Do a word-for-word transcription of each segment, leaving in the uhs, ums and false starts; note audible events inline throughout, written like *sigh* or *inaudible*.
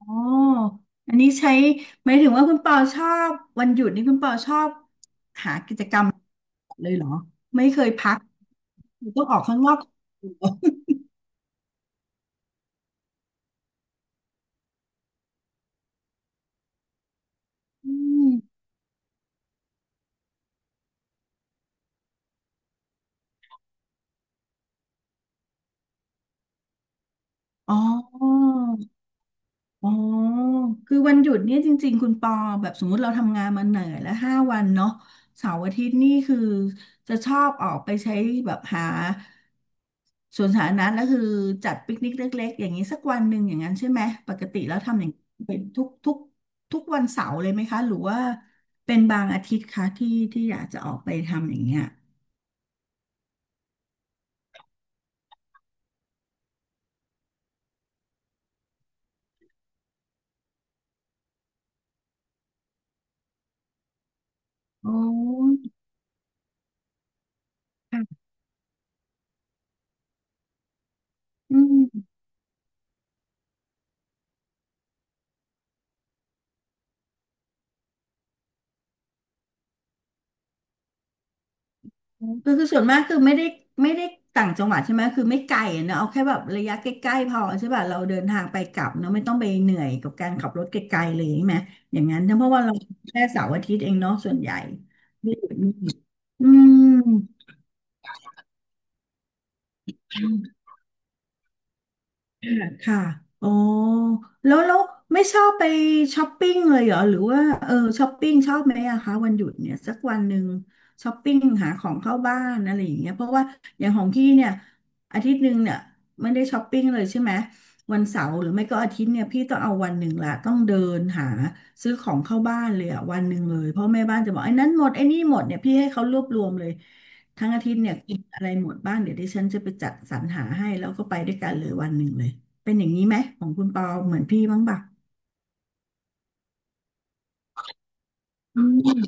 อ๋ออันนี้ใช้หมายถึงว่าคุณเปาชอบวันหยุดนี่คุณเปาชอบหากิจกรรมเลยเหรอไม่เคยพักต้องออกข้างนอก *laughs* อืมอ๋อ อ๋อคือวันหยุดเนี่ยจริงๆ คุณปอแบบสมมุติเราทำงานมาเหนื่อยแล้วห้าวันเนาะเสาร์อาทิตย์นี่คือจะชอบออกไปใช้แบบหาสวนสาธารณะแล้วคือจัดปิกนิกเล็กๆอย่างนี้สักวันหนึ่งอย่างนั้นใช่ไหมปกติแล้วทำอย่างเป็นทุกทุกทุกวันเสาร์เลยไหมคะหรือว่าเป็นบางอาทิตย์คะที่ที่อยากจะออกไปทำอย่างเงี้ยโอ้ค่ะอืม คือคือส่วนมากคือไม่ได้ไม่ได้ต่างจังหวัดใช่ไหมคือไม่ไกลอะเนอะเอาแค่แบบระยะใกล้ๆพอใช่ป่ะเราเดินทางไปกลับเนอะไม่ต้องไปเหนื่อยกับการขับรถไกลๆเลยใช่ไหมอย่างนั้นถ้ะเพราะว่าเราแค่เสาร์อาทิตย์เองเนาะส่วนใหญ่อืม ค่ะค่ะอ๋อแล้วแล้วไม่ชอบไปช้อปปิ้งเลยเหรอหรือว่าเออช้อปปิ้งชอบไหมอะคะวันหยุดเนี่ยสักวันหนึ่งช้อปปิ้งหาของเข้าบ้านอะไรอย่างเงี้ยเพราะว่าอย่างของพี่เนี่ยอาทิตย์หนึ่งเนี่ยไม่ได้ช้อปปิ้งเลยใช่ไหมวันเสาร์หรือไม่ก็อาทิตย์เนี่ยพี่ต้องเอาวันหนึ่งละต้องเดินหาซื้อของเข้าบ้านเลยอะวันหนึ่งเลยเพราะแม่บ้านจะบอกไอ้นั้นหมดไอ้นี่หมดเนี่ยพี่ให้เขารวบรวมเลยทั้งอาทิตย์เนี่ยกินอะไรหมดบ้างเดี๋ยวดิฉันจะไปจัดสรรหาให้แล้วก็ไปด้วยกันเลยวันหนึ่งเลย เป็นอย่างนี้ไหมของคุณปอเหมือนพี่บ้างป่ะอืม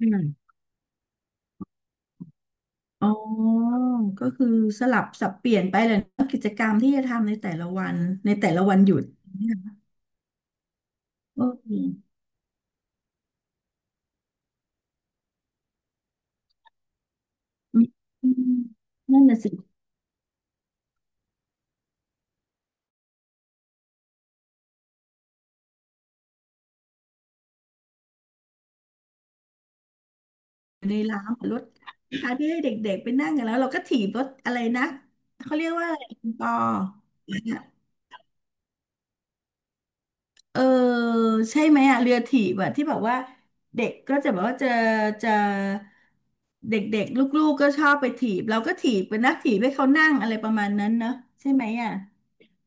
ออ๋อ ก็คือสลับสับเปลี่ยนไปเลยนะกิจกรรมที่จะทำในแต่ละวันในแต่ละวันหยุดโอเคอืมอืมนั่นน่ะสิอยู่ในร้านรถคาที่ให้เด็กๆไปนั่งกันแล้วเราก็ถีบรถอะไรนะเขาเรียกว่าอะไรคุณปอ *laughs* เออใช่ไหมอะเรือถีบอะที่แบบว่าเด็กก็จะแบบว่าจะจะเด็กๆลูกๆก็ชอบไปถีบเราก็ถีบเป็นนักถีบให้เขานั่งอะไรประมาณนั้นเนอะใช่ไหมอะ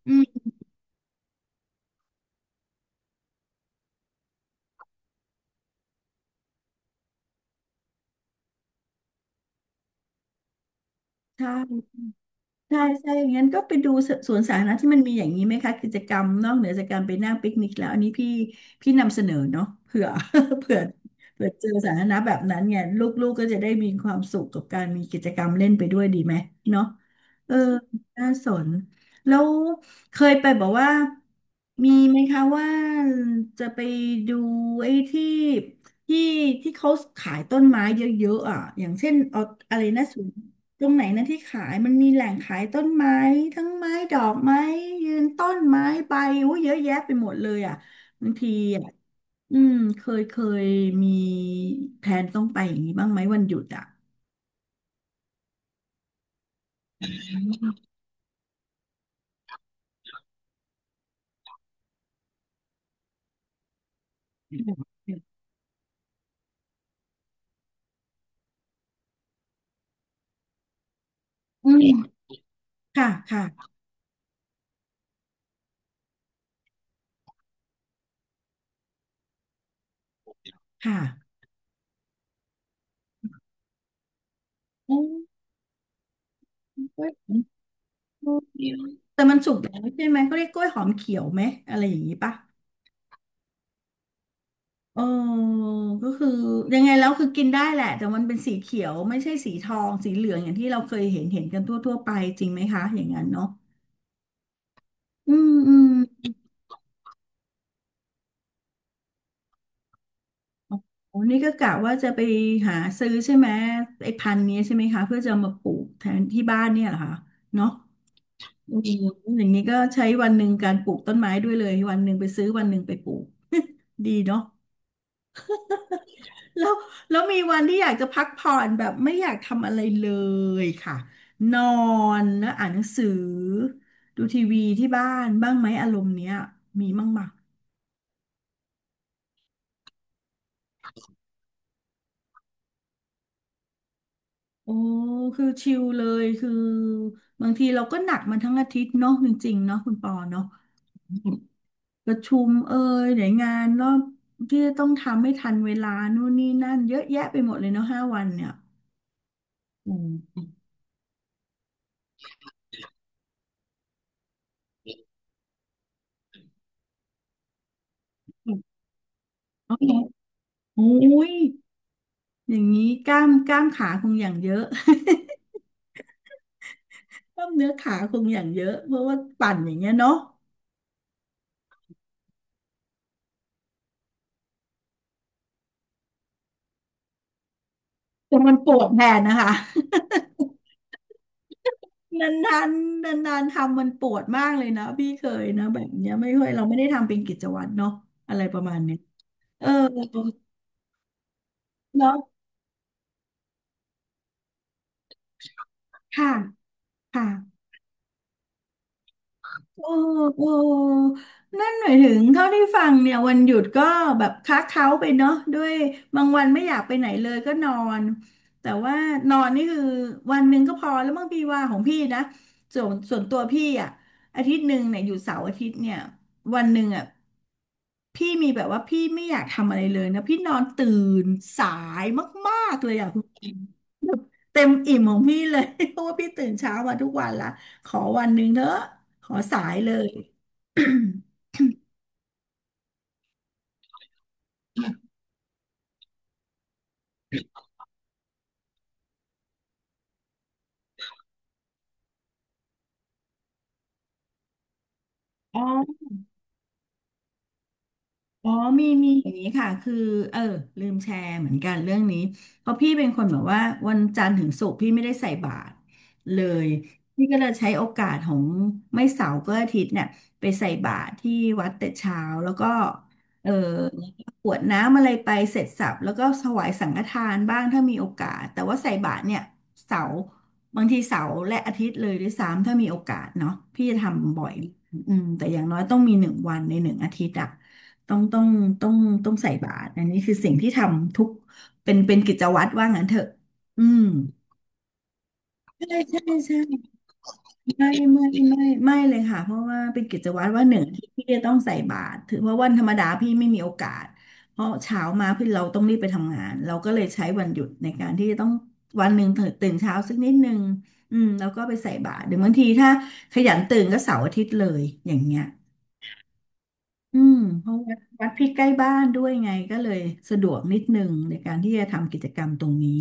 อืมใช่ ใช่ใช่ อย่างนั้นก็ไปดูสวนสาธารณะที่มันมีอย่างนี้ไหมคะกิจกรรมนอกเหนือจากการไปนั่งปิกนิกแล้วอันนี้พี่พี่นำเสนอเนาะเผื่อ *laughs* เผื่อเผื่อเจอสาธารณะแบบนั้นเนี่ยลูกๆกก็จะได้มีความสุขกับการมีกิจกรรมเล่นไปด้วยดีไหมเนาะเออน่าสนแล้วเคยไปบอกว่ามีไหมคะว่าจะไปดูไอ้ที่ที่ที่เขาขายต้นไม้เยอะๆอ่ะอย่างเช่นเอาอะไรนะ ตรงไหนนะที่ขายมันมีแหล่งขายต้นไม้ทั้งไม้ดอกไม้ยืนต้นไม้ใบอู้เยอะแยะไปหมดเลยอ่ะบางทีอ่ะอืมเคยเคยมีแผนต้องไปอย่างนี้บ้างไหมวันหยุดอ่ะอืมค่ะค่ะค่ะอืมกล้วยหอมเขียวแต่มันสุกแล้วใช่ไหมเขาเรียกกล้วยหอมเขียวไหมอะไรอย่างนี้ปะเออก็คือยังไงแล้วคือกินได้แหละแต่มันเป็นสีเขียวไม่ใช่สีทองสีเหลืองอย่างที่เราเคยเห็นเห็นกันทั่วๆไปจริงไหมคะอย่างนั้นเนาะ อืมอืมโอ้นี่ก็กะว่าจะไปหาซื้อใช่ไหมไอ้พันธุ์นี้ใช่ไหมคะเพื่อจะเอามาปลูกแทนที่บ้านเนี่ยเหรอคะเนาะอืมอย่างนี้ก็ใช้วันหนึ่งการปลูกต้นไม้ด้วยเลยวันหนึ่งไปซื้อวันหนึ่งไปปลูก *laughs* ดีเนาะแล้วแล้วมีวันที่อยากจะพักผ่อนแบบไม่อยากทำอะไรเลยค่ะนอนแล้วอ่านหนังสือดูทีวีที่บ้านบ้างไหมอารมณ์เนี้ยมีบ้างไหม โอ้คือชิลเลยคือบางทีเราก็หนักมันทั้งอาทิตย์เนาะจริงๆเนาะคุณปอเนาะประชุมเอ่ยไหนงานรอบที่จะต้องทำให้ทันเวลานู่นนี่นั่นเยอะแยะไปหมดเลยเนาะห้าวันเนี่ยอืมโอเคโอ้ยอย่างนี้กล้ามกล้ามขาคงอย่างเยอะ *laughs* กล้ามเนื้อขาคงอย่างเยอะเพราะว่าปั่นอย่างเงี้ยเนาะแต่มันปวดแทนนะคะ นานๆนานๆทำมันปวดมากเลยนะพี่เคยนะแบบเนี้ยไม่ค่อยเราไม่ได้ทำเป็นกิจวัตรเนาะอะไรประมาณเนี้ยเออเนาะค่ะค่ะ โอ้โอ้นั่นหมายถึงเท่าที่ฟังเนี่ยวันหยุดก็แบบค้าเค้าไปเนาะด้วยบางวันไม่อยากไปไหนเลยก็นอนแต่ว่านอนนี่คือวันหนึ่งก็พอแล้วบางพี่ว่าของพี่นะส่วนส่วนตัวพี่อ่ะอาทิตย์หนึ่งเนี่ยอยู่เสาร์อาทิตย์เนี่ยวันหนึ่งอ่ะพี่มีแบบว่าพี่ไม่อยากทำอะไรเลยนะพี่นอนตื่นสายมากๆเลยอ่ะคุณเต็มอิ่มของพี่เลย *laughs* เพราะว่าพี่ตื่นเช้ามาทุกวันละขอวันหนึ่งเถอะขอสายเลย อ๋อ อ๋อมีมีอย่างนี้ค่ะคือเออลืมแชร์เหมือนกันเรื่องนี้เพราะพี่เป็นคนแบบว่าวันจันทร์ถึงศุกร์พี่ไม่ได้ใส่บาตรเลยพี่ก็เลยใช้โอกาสของไม่เสาร์ก็อาทิตย์เนี่ยไปใส่บาตรที่วัดแต่เช้าแล้วก็เออแล้วก็กรวดน้ำอะไรไปเสร็จสรรพแล้วก็ถวายสังฆทานบ้างถ้ามีโอกาสแต่ว่าใส่บาตรเนี่ยเสาร์บางทีเสาร์และอาทิตย์เลยด้วยซ้ำถ้ามีโอกาสเนาะพี่จะทำบ่อยอืมแต่อย่างน้อยต้องมีหนึ่งวันในหนึ่งอาทิตย์อะ ต้องต้องต้องต้องใส่บาตรอันนี้คือสิ่งที่ทำทุกเป็นเป็นกิจวัตรว่างั้นเถอะอืมใช่ใช่ใช่ไม่ไม่ไม่ไม่เลยค่ะเพราะว่าเป็นกิจวัตรว่าหนึ่งที่พี่จะต้องใส่บาตรถือว่าวันธรรมดาพี่ไม่มีโอกาสเพราะเช้ามาพี่เราต้องรีบไปทำงานเราก็เลยใช้วันหยุดในการที่จะต้องวันหนึ่งตื่นตื่นเช้าสักนิดนึงอืมแล้วก็ไปใส่บาตรหรือบางทีถ้าขยันตื่นก็เสาร์อาทิตย์เลยอย่างเงี้ย อืมเพราะวัดวัดพี่ใกล้บ้านด้วยไงก็เลยสะดวกนิดนึงในการที่จะทำกิจกรรมตรงนี้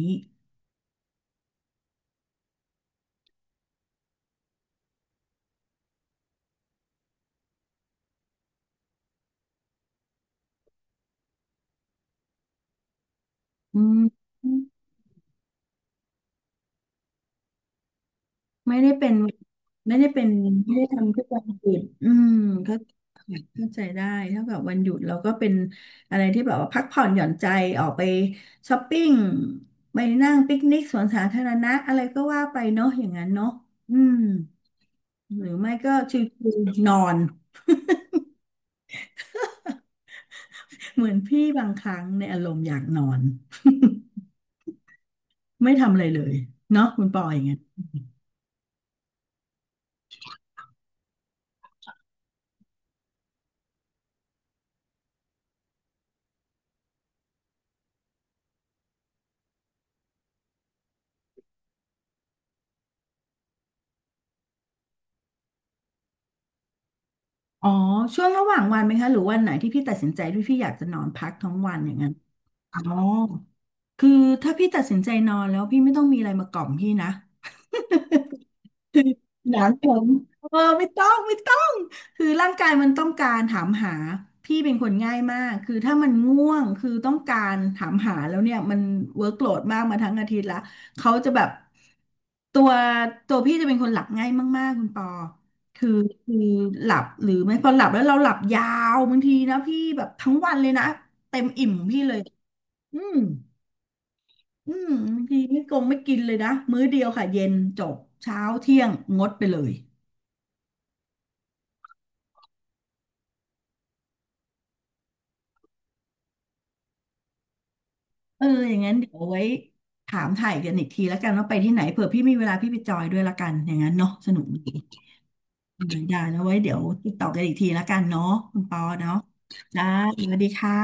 อืมไม่ได้เป็นไม่ได้เป็นไม่ได้ทำทุกวันหยุดอืมก็เข้าใจได้เท่ากับวันหยุดเราก็เป็นอะไรที่แบบว่าพักผ่อนหย่อนใจออกไปช้อปปิ้งไปนั่งปิกนิกสวนสาธารณะอะไรก็ว่าไปเนาะอย่างนั้นเนาะอืมหรือไม่ก็ชิวๆนอน *laughs* เหมือนพี่บางครั้งในอารมณ์อยากนอน *laughs* ไม่ทำอะไรเลยเนาะคุณปออย่างเงี้ยอ๋อช่วงระหว่างวันไหมคะหรือวันไหนที่พี่ตัดสินใจที่พี่อยากจะนอนพักทั้งวันอย่างเงี้ยอ๋อคือถ้าพี่ตัดสินใจนอนแล้วพี่ไม่ต้องมีอะไรมากล่อมพี่นะ *laughs* *laughs* หนามผมเออไม่ต้องไม่ต้องคือร่างกายมันต้องการถามหาพี่เป็นคนง่ายมากคือถ้ามันง่วงคือต้องการถามหาแล้วเนี่ยมันเวิร์กโหลดมากมาทั้งอาทิตย์ละเขาจะแบบตัวตัวพี่จะเป็นคนหลับง่ายมากๆคุณปอคือคือหลับหรือไม่พอหลับแล้วเราหลับยาวบางทีนะพี่แบบทั้งวันเลยนะเต็มอิ่มของพี่เลยอืมอืมบางทีไม่กงไม่กินเลยนะมื้อเดียวค่ะเย็นจบเช้าเที่ยงงดไปเลย เอออย่างนั้นเดี๋ยวเอาไว้ถามถ่ายกันอีกทีแล้วกันว่าไปที่ไหนเผื่อพี่มีเวลาพี่ไปจอยด้วยละกันอย่างนั้นเนาะสนุกดีอืมได้แล้วไว้เดี๋ยวติดต่อกันอีกทีละกันเนาะคุณปอเนาะจ้าสวัสดีค่ะ